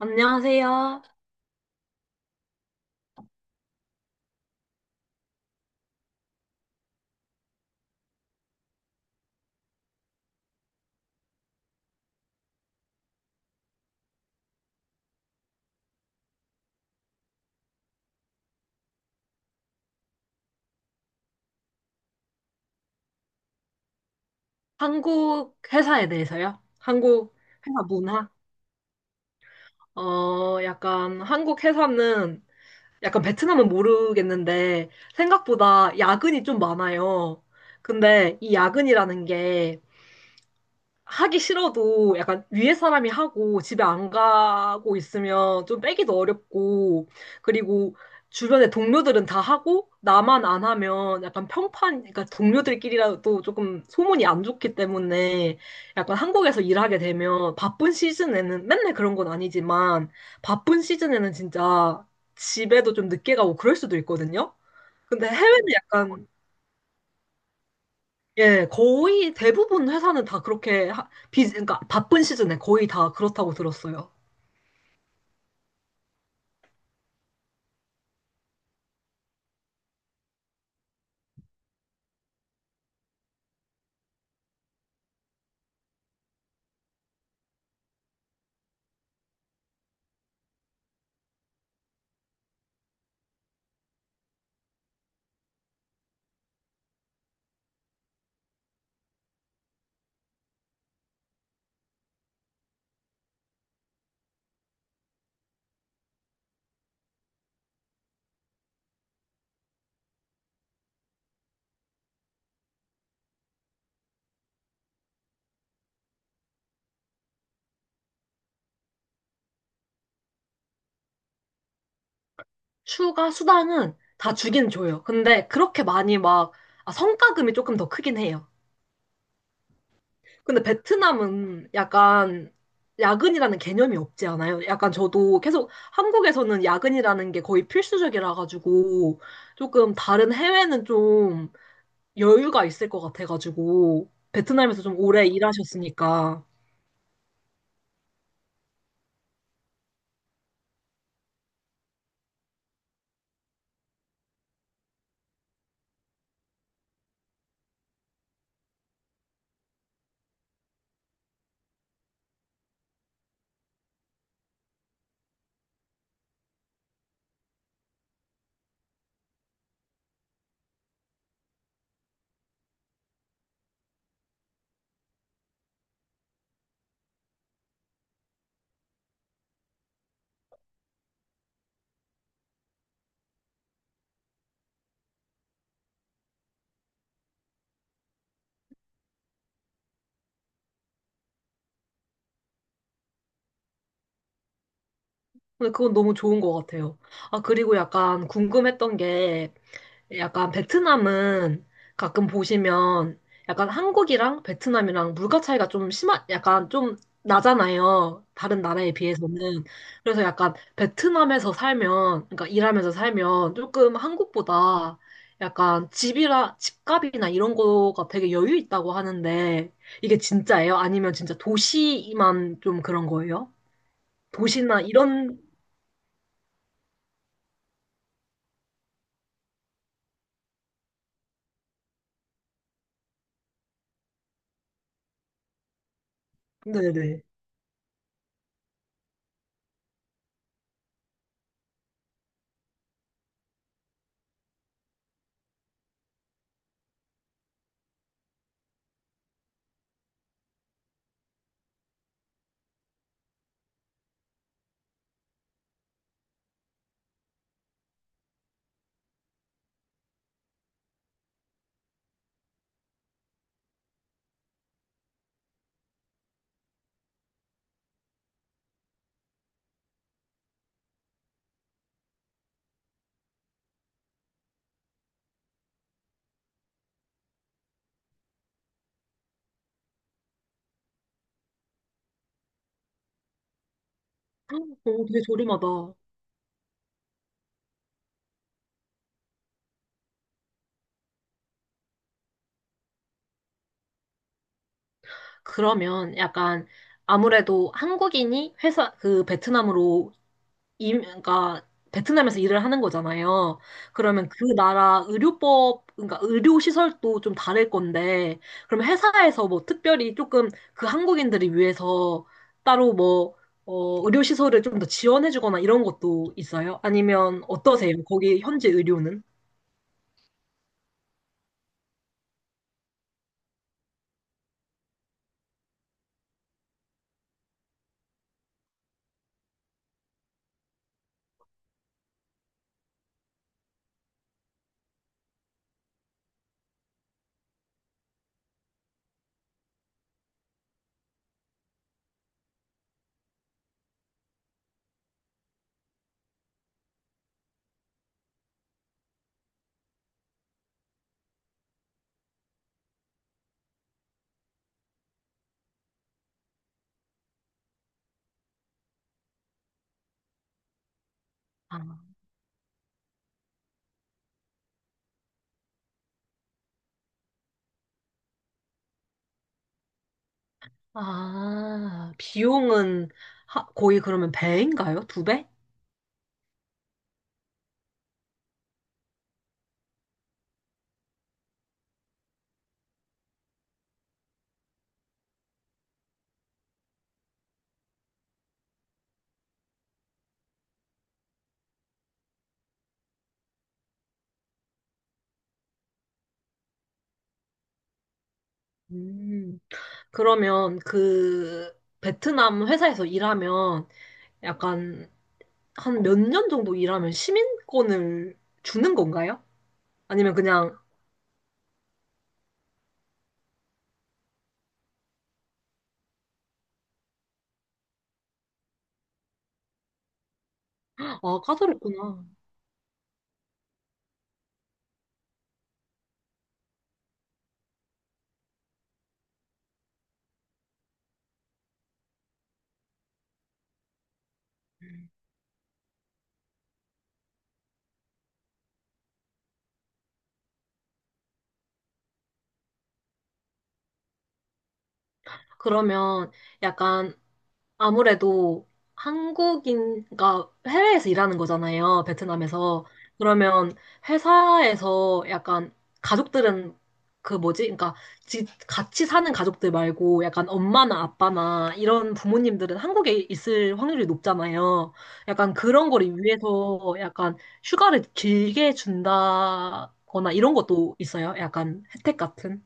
안녕하세요. 한국 회사에 대해서요? 한국 회사 문화? 약간 한국 회사는 약간 베트남은 모르겠는데 생각보다 야근이 좀 많아요. 근데 이 야근이라는 게 하기 싫어도 약간 위에 사람이 하고 집에 안 가고 있으면 좀 빼기도 어렵고, 그리고 주변에 동료들은 다 하고 나만 안 하면 약간 평판, 그러니까 동료들끼리라도 조금 소문이 안 좋기 때문에 약간 한국에서 일하게 되면 바쁜 시즌에는 맨날 그런 건 아니지만 바쁜 시즌에는 진짜 집에도 좀 늦게 가고 그럴 수도 있거든요. 근데 해외는 약간 예, 거의 대부분 회사는 다 그렇게 그러니까 바쁜 시즌에 거의 다 그렇다고 들었어요. 휴가 수당은 다 주긴 줘요. 근데 그렇게 많이 막 성과금이 조금 더 크긴 해요. 근데 베트남은 약간 야근이라는 개념이 없지 않아요? 약간 저도 계속 한국에서는 야근이라는 게 거의 필수적이라 가지고 조금 다른 해외는 좀 여유가 있을 것 같아 가지고 베트남에서 좀 오래 일하셨으니까. 근데 그건 너무 좋은 것 같아요. 아, 그리고 약간 궁금했던 게, 약간 베트남은 가끔 보시면 약간 한국이랑 베트남이랑 물가 차이가 좀 심한, 약간 좀 나잖아요, 다른 나라에 비해서는. 그래서 약간 베트남에서 살면, 그러니까 일하면서 살면 조금 한국보다 약간 집값이나 이런 거가 되게 여유 있다고 하는데, 이게 진짜예요? 아니면 진짜 도시만 좀 그런 거예요? 도시나 이런. 네네. 오, 되게 저렴하다. 그러면 약간 아무래도 한국인이 회사 그 베트남으로 그러니까 베트남에서 일을 하는 거잖아요. 그러면 그 나라 의료법, 그러니까 의료 시설도 좀 다를 건데, 그럼 회사에서 뭐 특별히 조금 그 한국인들을 위해서 따로 뭐 의료 시설을 좀 더 지원해 주거나 이런 것도 있어요? 아니면 어떠세요? 거기 현지 의료는? 아. 아, 비용은 거의 그러면 배인가요? 두 배? 음. 그러면 그 베트남 회사에서 일하면 약간 한 몇 년 정도 일하면 시민권을 주는 건가요? 아니면 그냥, 아, 까다롭구나. 그러면 약간 아무래도 한국인, 그 해외에서 일하는 거잖아요, 베트남에서. 그러면 회사에서 약간 가족들은 그 뭐지? 그러니까 같이 사는 가족들 말고 약간 엄마나 아빠나 이런 부모님들은 한국에 있을 확률이 높잖아요. 약간 그런 거를 위해서 약간 휴가를 길게 준다거나 이런 것도 있어요, 약간 혜택 같은.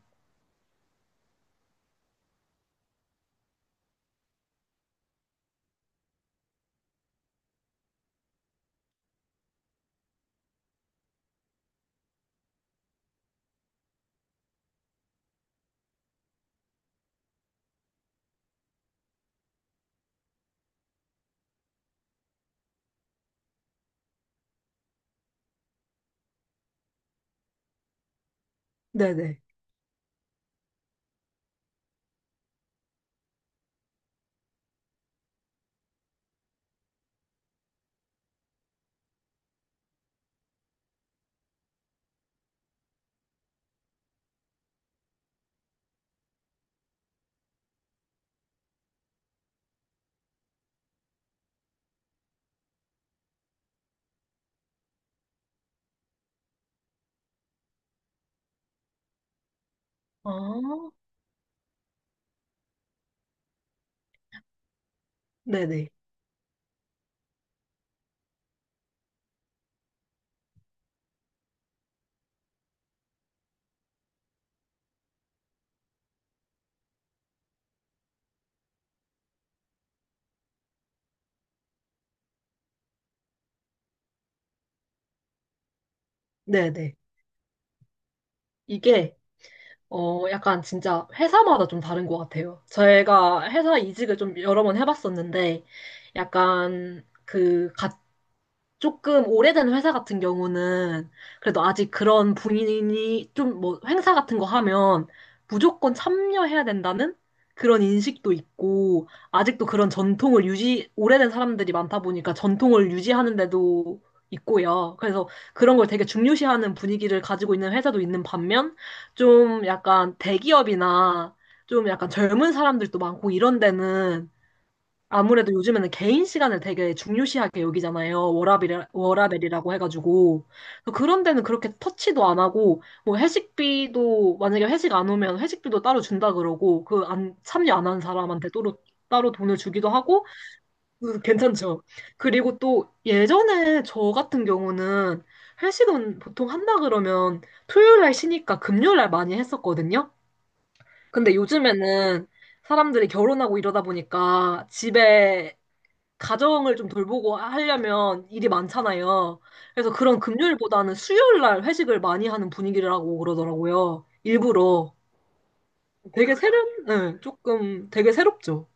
네네. 아, 네네. 네네. 이게 약간 진짜 회사마다 좀 다른 것 같아요. 제가 회사 이직을 좀 여러 번 해봤었는데, 약간 조금 오래된 회사 같은 경우는 그래도 아직 그런 분위기 좀, 뭐 행사 같은 거 하면 무조건 참여해야 된다는 그런 인식도 있고, 아직도 그런 전통을 유지 오래된 사람들이 많다 보니까 전통을 유지하는 데도 있고요. 그래서 그런 걸 되게 중요시하는 분위기를 가지고 있는 회사도 있는 반면, 좀 약간 대기업이나 좀 약간 젊은 사람들도 많고 이런 데는 아무래도 요즘에는 개인 시간을 되게 중요시하게 여기잖아요. 워라벨, 워라벨이라고 해가지고. 그런 데는 그렇게 터치도 안 하고, 뭐 회식비도, 만약에 회식 안 오면 회식비도 따로 준다 그러고, 그 안, 참여 안 한 사람한테 따로, 따로 돈을 주기도 하고, 그 괜찮죠. 그리고 또 예전에 저 같은 경우는 회식은 보통 한다 그러면 토요일 날 쉬니까 금요일 날 많이 했었거든요. 근데 요즘에는 사람들이 결혼하고 이러다 보니까 집에 가정을 좀 돌보고 하려면 일이 많잖아요. 그래서 그런 금요일보다는 수요일 날 회식을 많이 하는 분위기라고 그러더라고요. 일부러. 되게 새로운, 네, 조금 되게 새롭죠.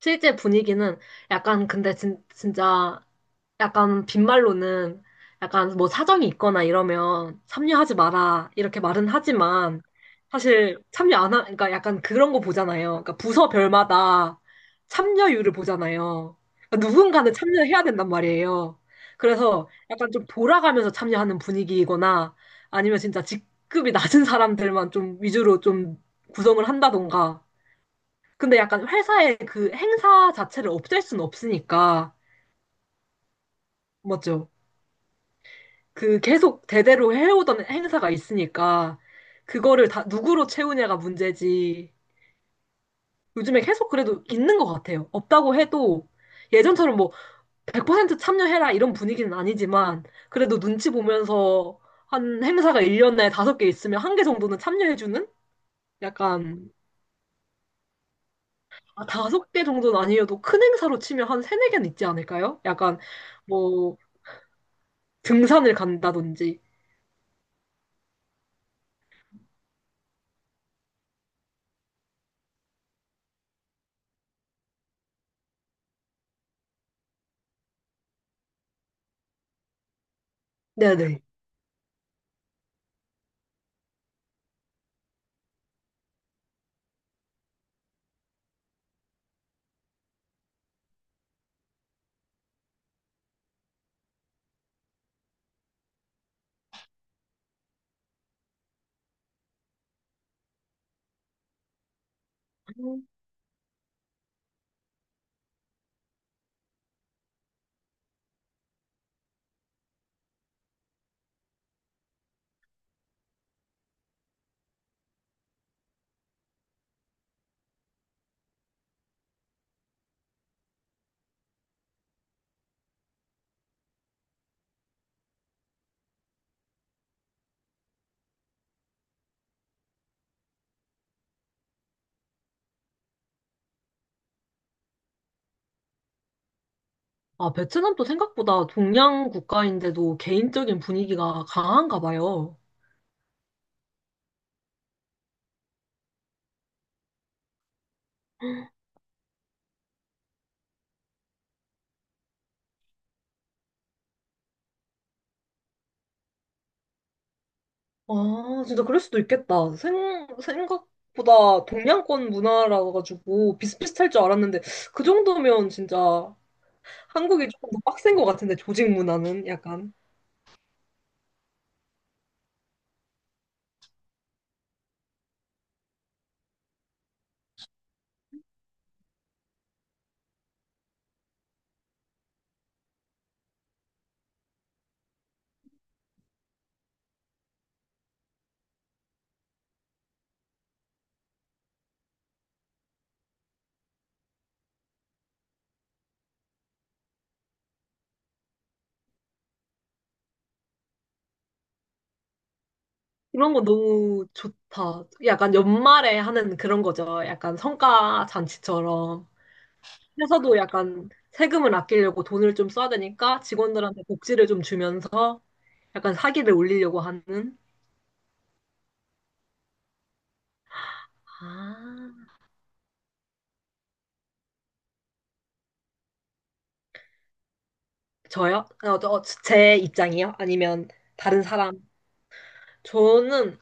실제 분위기는 약간 근데 진짜 약간 빈말로는 약간 뭐 사정이 있거나 이러면 참여하지 마라 이렇게 말은 하지만, 사실 참여 안 하, 그러니까 약간 그런 거 보잖아요. 그러니까 부서별마다 참여율을 보잖아요. 그러니까 누군가는 참여해야 된단 말이에요. 그래서 약간 좀 돌아가면서 참여하는 분위기이거나 아니면 진짜 직급이 낮은 사람들만 좀 위주로 좀 구성을 한다던가. 근데 약간 회사의 그 행사 자체를 없앨 수는 없으니까. 맞죠? 그 계속 대대로 해오던 행사가 있으니까 그거를 다 누구로 채우냐가 문제지. 요즘에 계속 그래도 있는 것 같아요. 없다고 해도 예전처럼 뭐 100% 참여해라 이런 분위기는 아니지만 그래도 눈치 보면서 한 행사가 1년에 다섯 개 있으면 한 개 정도는 참여해주는? 약간 아, 다섯 개 정도는 아니어도 큰 행사로 치면 한 세네 개는 있지 않을까요? 약간 뭐 등산을 간다든지. 네네. 아, 베트남도 생각보다 동양 국가인데도 개인적인 분위기가 강한가 봐요. 아, 진짜 그럴 수도 있겠다. 생각보다 동양권 문화라 가지고 비슷비슷할 줄 알았는데 그 정도면 진짜 한국이 조금 더 빡센 것 같은데, 조직 문화는 약간 이런 거 너무 좋다. 약간 연말에 하는 그런 거죠. 약간 성과 잔치처럼. 회사도 약간 세금을 아끼려고 돈을 좀 써야 되니까 직원들한테 복지를 좀 주면서 약간 사기를 올리려고 하는. 아, 저요? 제 입장이요? 아니면 다른 사람? 저는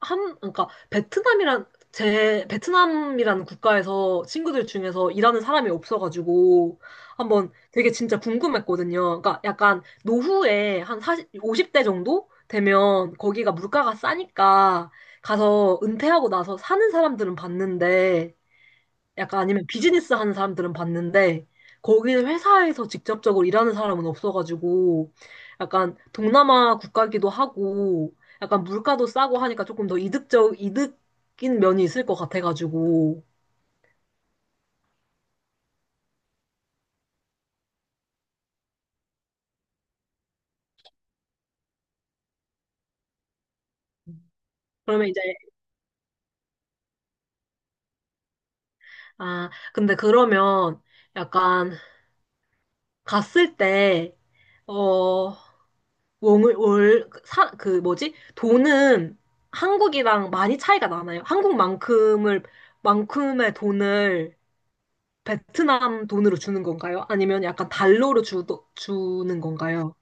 한, 그러니까 베트남이란 제 베트남이라는 국가에서 친구들 중에서 일하는 사람이 없어가지고 한번 되게 진짜 궁금했거든요. 그러니까 약간 노후에 한 40 50대 정도 되면 거기가 물가가 싸니까 가서 은퇴하고 나서 사는 사람들은 봤는데, 약간 아니면 비즈니스 하는 사람들은 봤는데 거기 회사에서 직접적으로 일하는 사람은 없어가지고. 약간 동남아 국가기도 하고 약간 물가도 싸고 하니까 조금 더 이득적 이득인 면이 있을 것 같아가지고. 그러면 이제 아 근데 그러면 약간 갔을 때어 원을 월사그 뭐지, 돈은 한국이랑 많이 차이가 나나요? 한국만큼을 만큼의 돈을 베트남 돈으로 주는 건가요? 아니면 약간 달러로 주는 건가요?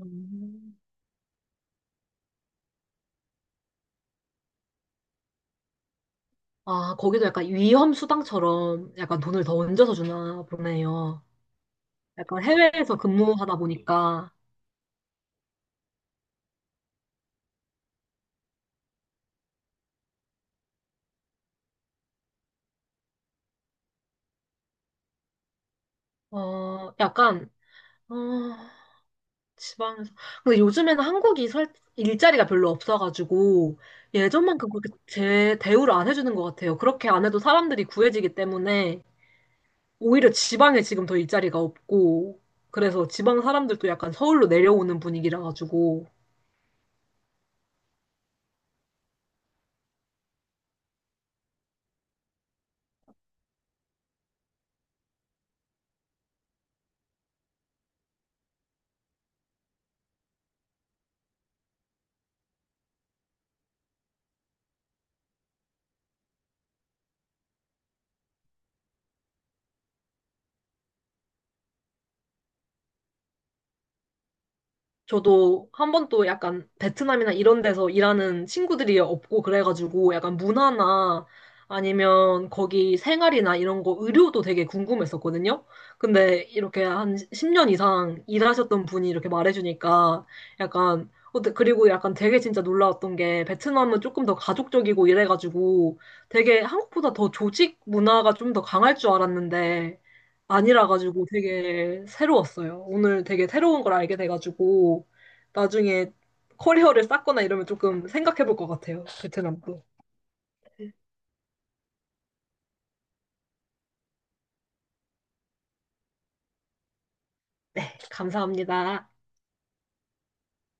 음. 아, 거기도 약간 위험 수당처럼 약간 돈을 더 얹어서 주나 보네요. 약간 해외에서 근무하다 보니까. 어, 약간, 어, 지방에서. 근데 요즘에는 한국이 일자리가 별로 없어가지고 예전만큼 그렇게 대우를 안 해주는 것 같아요. 그렇게 안 해도 사람들이 구해지기 때문에 오히려 지방에 지금 더 일자리가 없고, 그래서 지방 사람들도 약간 서울로 내려오는 분위기라 가지고. 저도 한 번도 약간 베트남이나 이런 데서 일하는 친구들이 없고 그래가지고 약간 문화나 아니면 거기 생활이나 이런 거 의료도 되게 궁금했었거든요. 근데 이렇게 한 10년 이상 일하셨던 분이 이렇게 말해주니까 약간 그리고 약간 되게 진짜 놀라웠던 게 베트남은 조금 더 가족적이고 이래가지고 되게 한국보다 더 조직 문화가 좀 더 강할 줄 알았는데 아니라 가지고 되게 새로웠어요. 오늘 되게 새로운 걸 알게 돼가지고 나중에 커리어를 쌓거나 이러면 조금 생각해 볼 것 같아요. 베트남도. 네, 감사합니다.